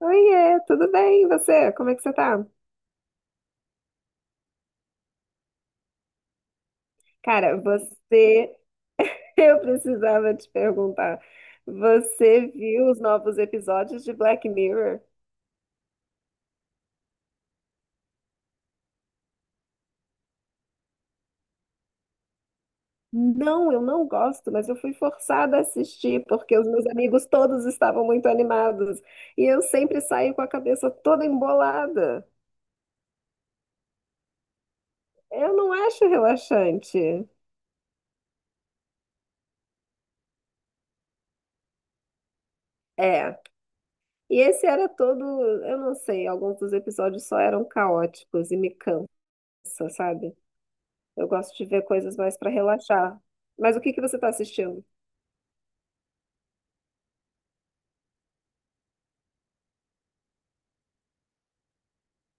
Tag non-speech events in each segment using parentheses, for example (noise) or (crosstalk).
Oiê, tudo bem? E você? Como é que você tá? Cara, você. (laughs) Eu precisava te perguntar. Você viu os novos episódios de Black Mirror? Não, eu não gosto, mas eu fui forçada a assistir porque os meus amigos todos estavam muito animados e eu sempre saio com a cabeça toda embolada. Eu não acho relaxante. É. E esse era todo, eu não sei, alguns dos episódios só eram caóticos e me cansa, sabe? Eu gosto de ver coisas mais para relaxar. Mas o que que você está assistindo?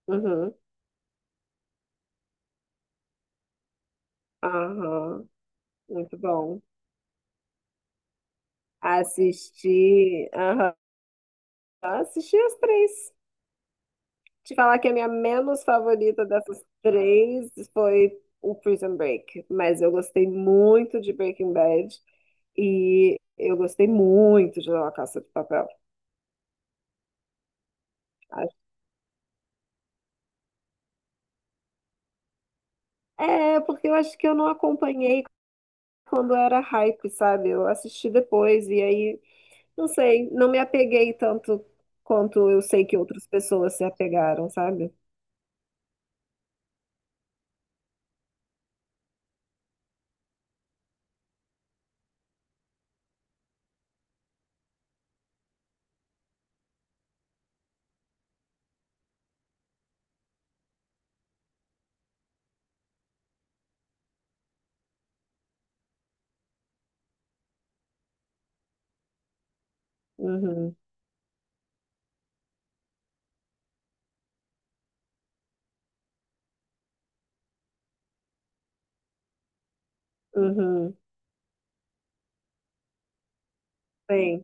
Uhum. Aham. Muito bom. Assisti. Aham. Assisti as três. Te falar que a minha menos favorita dessas três foi o Prison Break. Mas eu gostei muito de Breaking Bad. E eu gostei muito de La Casa de Papel. Acho- É, porque eu acho que eu não acompanhei quando era hype, sabe? Eu assisti depois. E aí, não sei, não me apeguei tanto quanto eu sei que outras pessoas se apegaram, sabe? Uhum, uhum. Sim,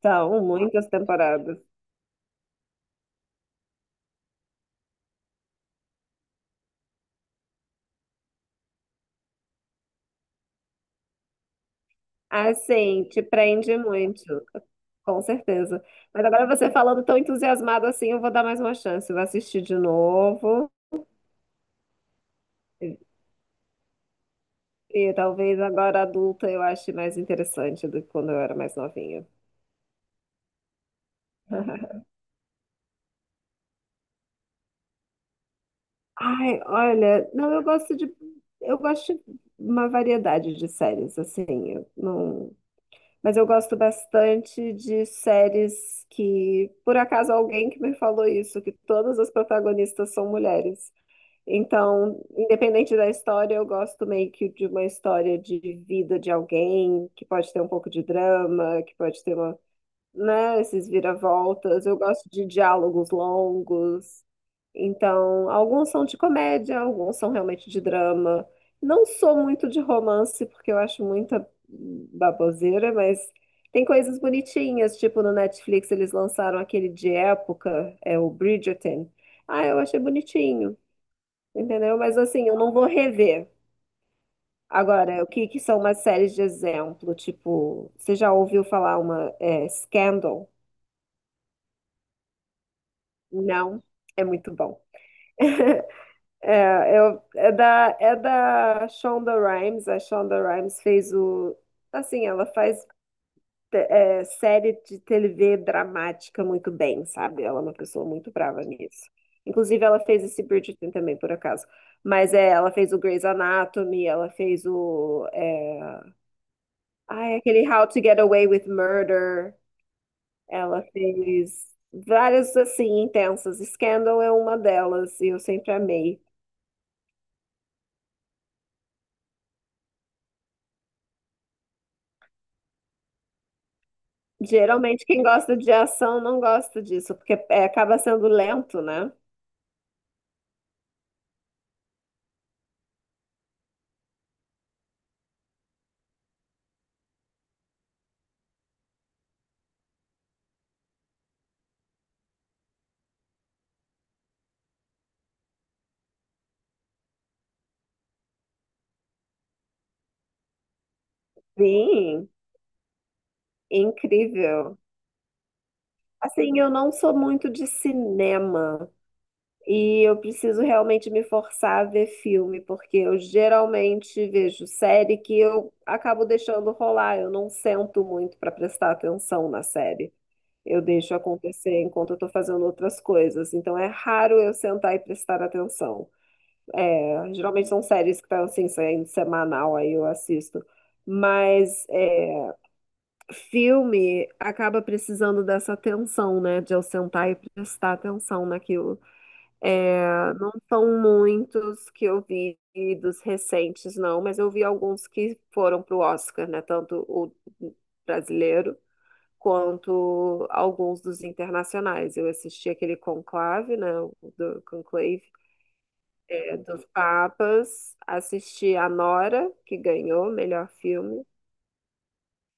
são muitas temporadas. Ah, sim, te prende muito, com certeza. Mas agora você falando tão entusiasmado assim, eu vou dar mais uma chance, eu vou assistir de novo. E, e talvez agora adulta eu ache mais interessante do que quando eu era mais novinha. (laughs) Ai, olha, não, eu gosto de uma variedade de séries, assim, eu não, mas eu gosto bastante de séries que, por acaso, alguém que me falou isso, que todas as protagonistas são mulheres. Então, independente da história, eu gosto meio que de uma história de vida de alguém, que pode ter um pouco de drama, que pode ter uma, né, esses viravoltas. Eu gosto de diálogos longos. Então, alguns são de comédia, alguns são realmente de drama. Não sou muito de romance, porque eu acho muita baboseira, mas tem coisas bonitinhas, tipo no Netflix eles lançaram aquele de época, é o Bridgerton. Ah, eu achei bonitinho, entendeu? Mas assim, eu não vou rever. Agora, o que que são umas séries de exemplo? Tipo, você já ouviu falar uma é, Scandal? Não, é muito bom. É, eu- é da Shonda Rhimes. A Shonda Rhimes fez o. Assim, ela faz série de TV dramática muito bem, sabe? Ela é uma pessoa muito brava nisso. Inclusive, ela fez esse Bridgerton também, por acaso. Mas é, ela fez o Grey's Anatomy, ela fez o. É, ai, aquele How to Get Away with Murder. Ela fez várias, assim, intensas. Scandal é uma delas, e eu sempre amei. Geralmente quem gosta de ação não gosta disso, porque é, acaba sendo lento, né? Sim, incrível. Assim, eu não sou muito de cinema e eu preciso realmente me forçar a ver filme, porque eu geralmente vejo série que eu acabo deixando rolar, eu não sento muito para prestar atenção na série. Eu deixo acontecer enquanto eu estou fazendo outras coisas, então é raro eu sentar e prestar atenção. É, geralmente são séries que estão assim, saindo semanal, aí eu assisto. Mas é, filme acaba precisando dessa atenção, né? De eu sentar e prestar atenção naquilo. É, não são muitos que eu vi dos recentes, não, mas eu vi alguns que foram pro Oscar, né? Tanto o brasileiro quanto alguns dos internacionais. Eu assisti aquele Conclave, né? O do Conclave dos Papas, assisti a Nora, que ganhou o melhor filme,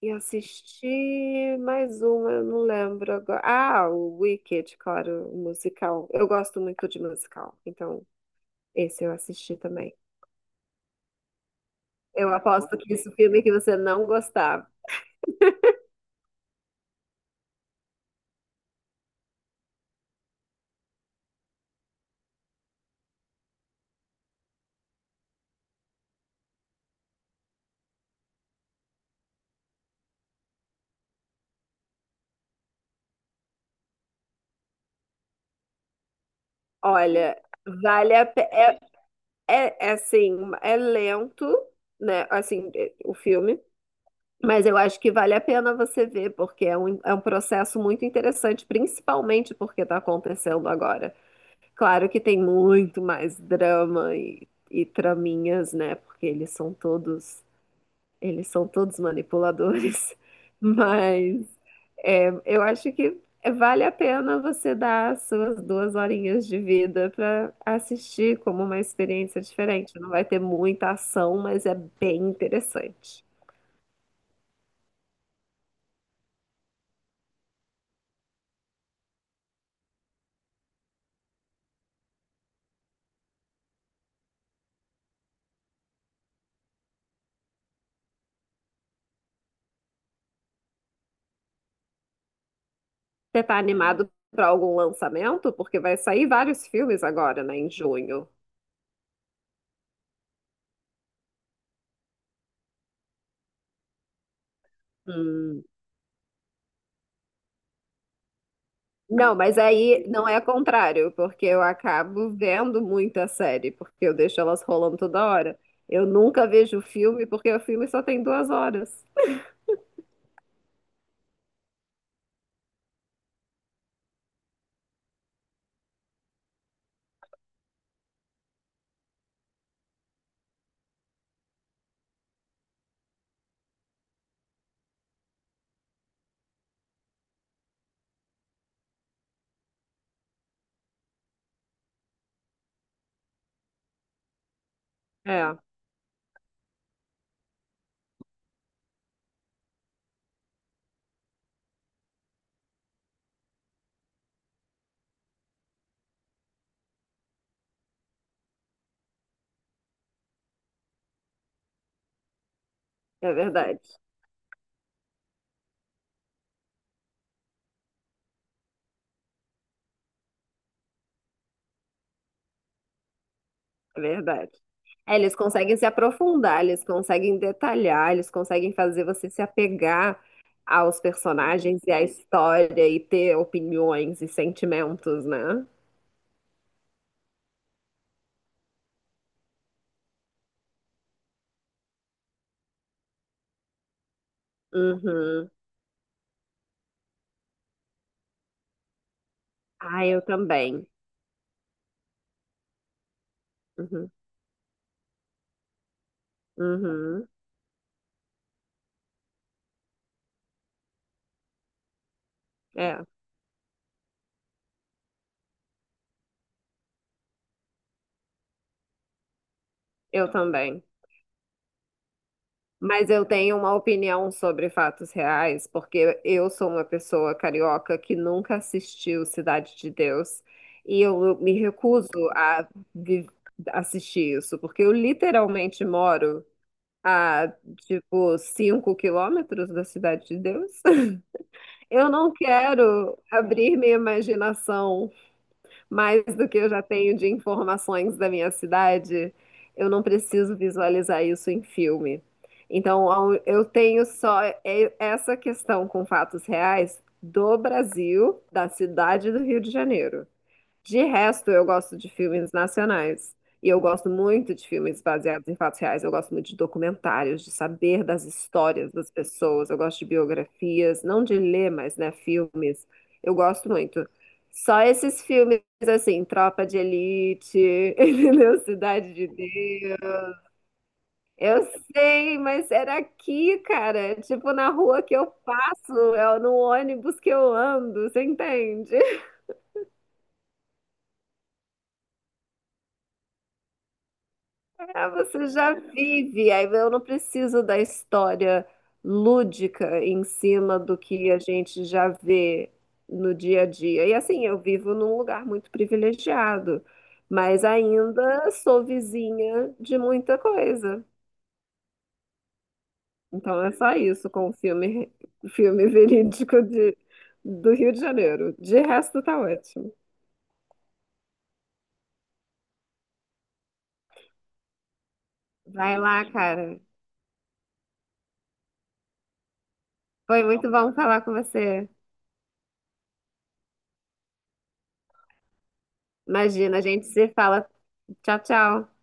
e assisti mais uma, eu não lembro agora. Ah, o Wicked, claro, o musical. Eu gosto muito de musical, então esse eu assisti também. Eu aposto que esse filme que você não gostava. Olha, vale a pena. É assim, é lento, né? Assim, é- o filme. Mas eu acho que vale a pena você ver, porque é um processo muito interessante, principalmente porque está acontecendo agora. Claro que tem muito mais drama e traminhas, né? Porque eles são todos manipuladores. (laughs) Mas é, eu acho que vale a pena você dar as suas duas horinhas de vida para assistir como uma experiência diferente. Não vai ter muita ação, mas é bem interessante. Você tá animado para algum lançamento? Porque vai sair vários filmes agora, né, em junho. Hum. Não, mas aí não é contrário, porque eu acabo vendo muita série, porque eu deixo elas rolando toda hora. Eu nunca vejo filme, porque o filme só tem duas horas. É, é verdade, é verdade. É, eles conseguem se aprofundar, eles conseguem detalhar, eles conseguem fazer você se apegar aos personagens e à história e ter opiniões e sentimentos, né? Uhum. Ah, eu também. Uhum. Uhum. É, eu também. Mas eu tenho uma opinião sobre fatos reais, porque eu sou uma pessoa carioca que nunca assistiu Cidade de Deus e eu me recuso a vi- assistir isso, porque eu literalmente moro a, tipo, 5 quilômetros da Cidade de Deus. (laughs) Eu não quero abrir minha imaginação mais do que eu já tenho de informações da minha cidade, eu não preciso visualizar isso em filme. Então, eu tenho só essa questão com fatos reais do Brasil, da cidade do Rio de Janeiro. De resto, eu gosto de filmes nacionais. E eu gosto muito de filmes baseados em fatos reais. Eu gosto muito de documentários, de saber das histórias das pessoas. Eu gosto de biografias, não de ler, mas, né, filmes. Eu gosto muito. Só esses filmes, assim, Tropa de Elite, (laughs) entendeu? Cidade de Deus. Eu sei, mas era aqui, cara. Tipo, na rua que eu passo, é no ônibus que eu ando, você entende? Ah, você já vive, aí eu não preciso da história lúdica em cima do que a gente já vê no dia a dia. E assim, eu vivo num lugar muito privilegiado, mas ainda sou vizinha de muita coisa. Então é só isso com o filme, filme verídico de, do Rio de Janeiro. De resto, tá ótimo. Vai lá, cara. Foi muito bom falar com você. Imagina, a gente se fala. Tchau, tchau.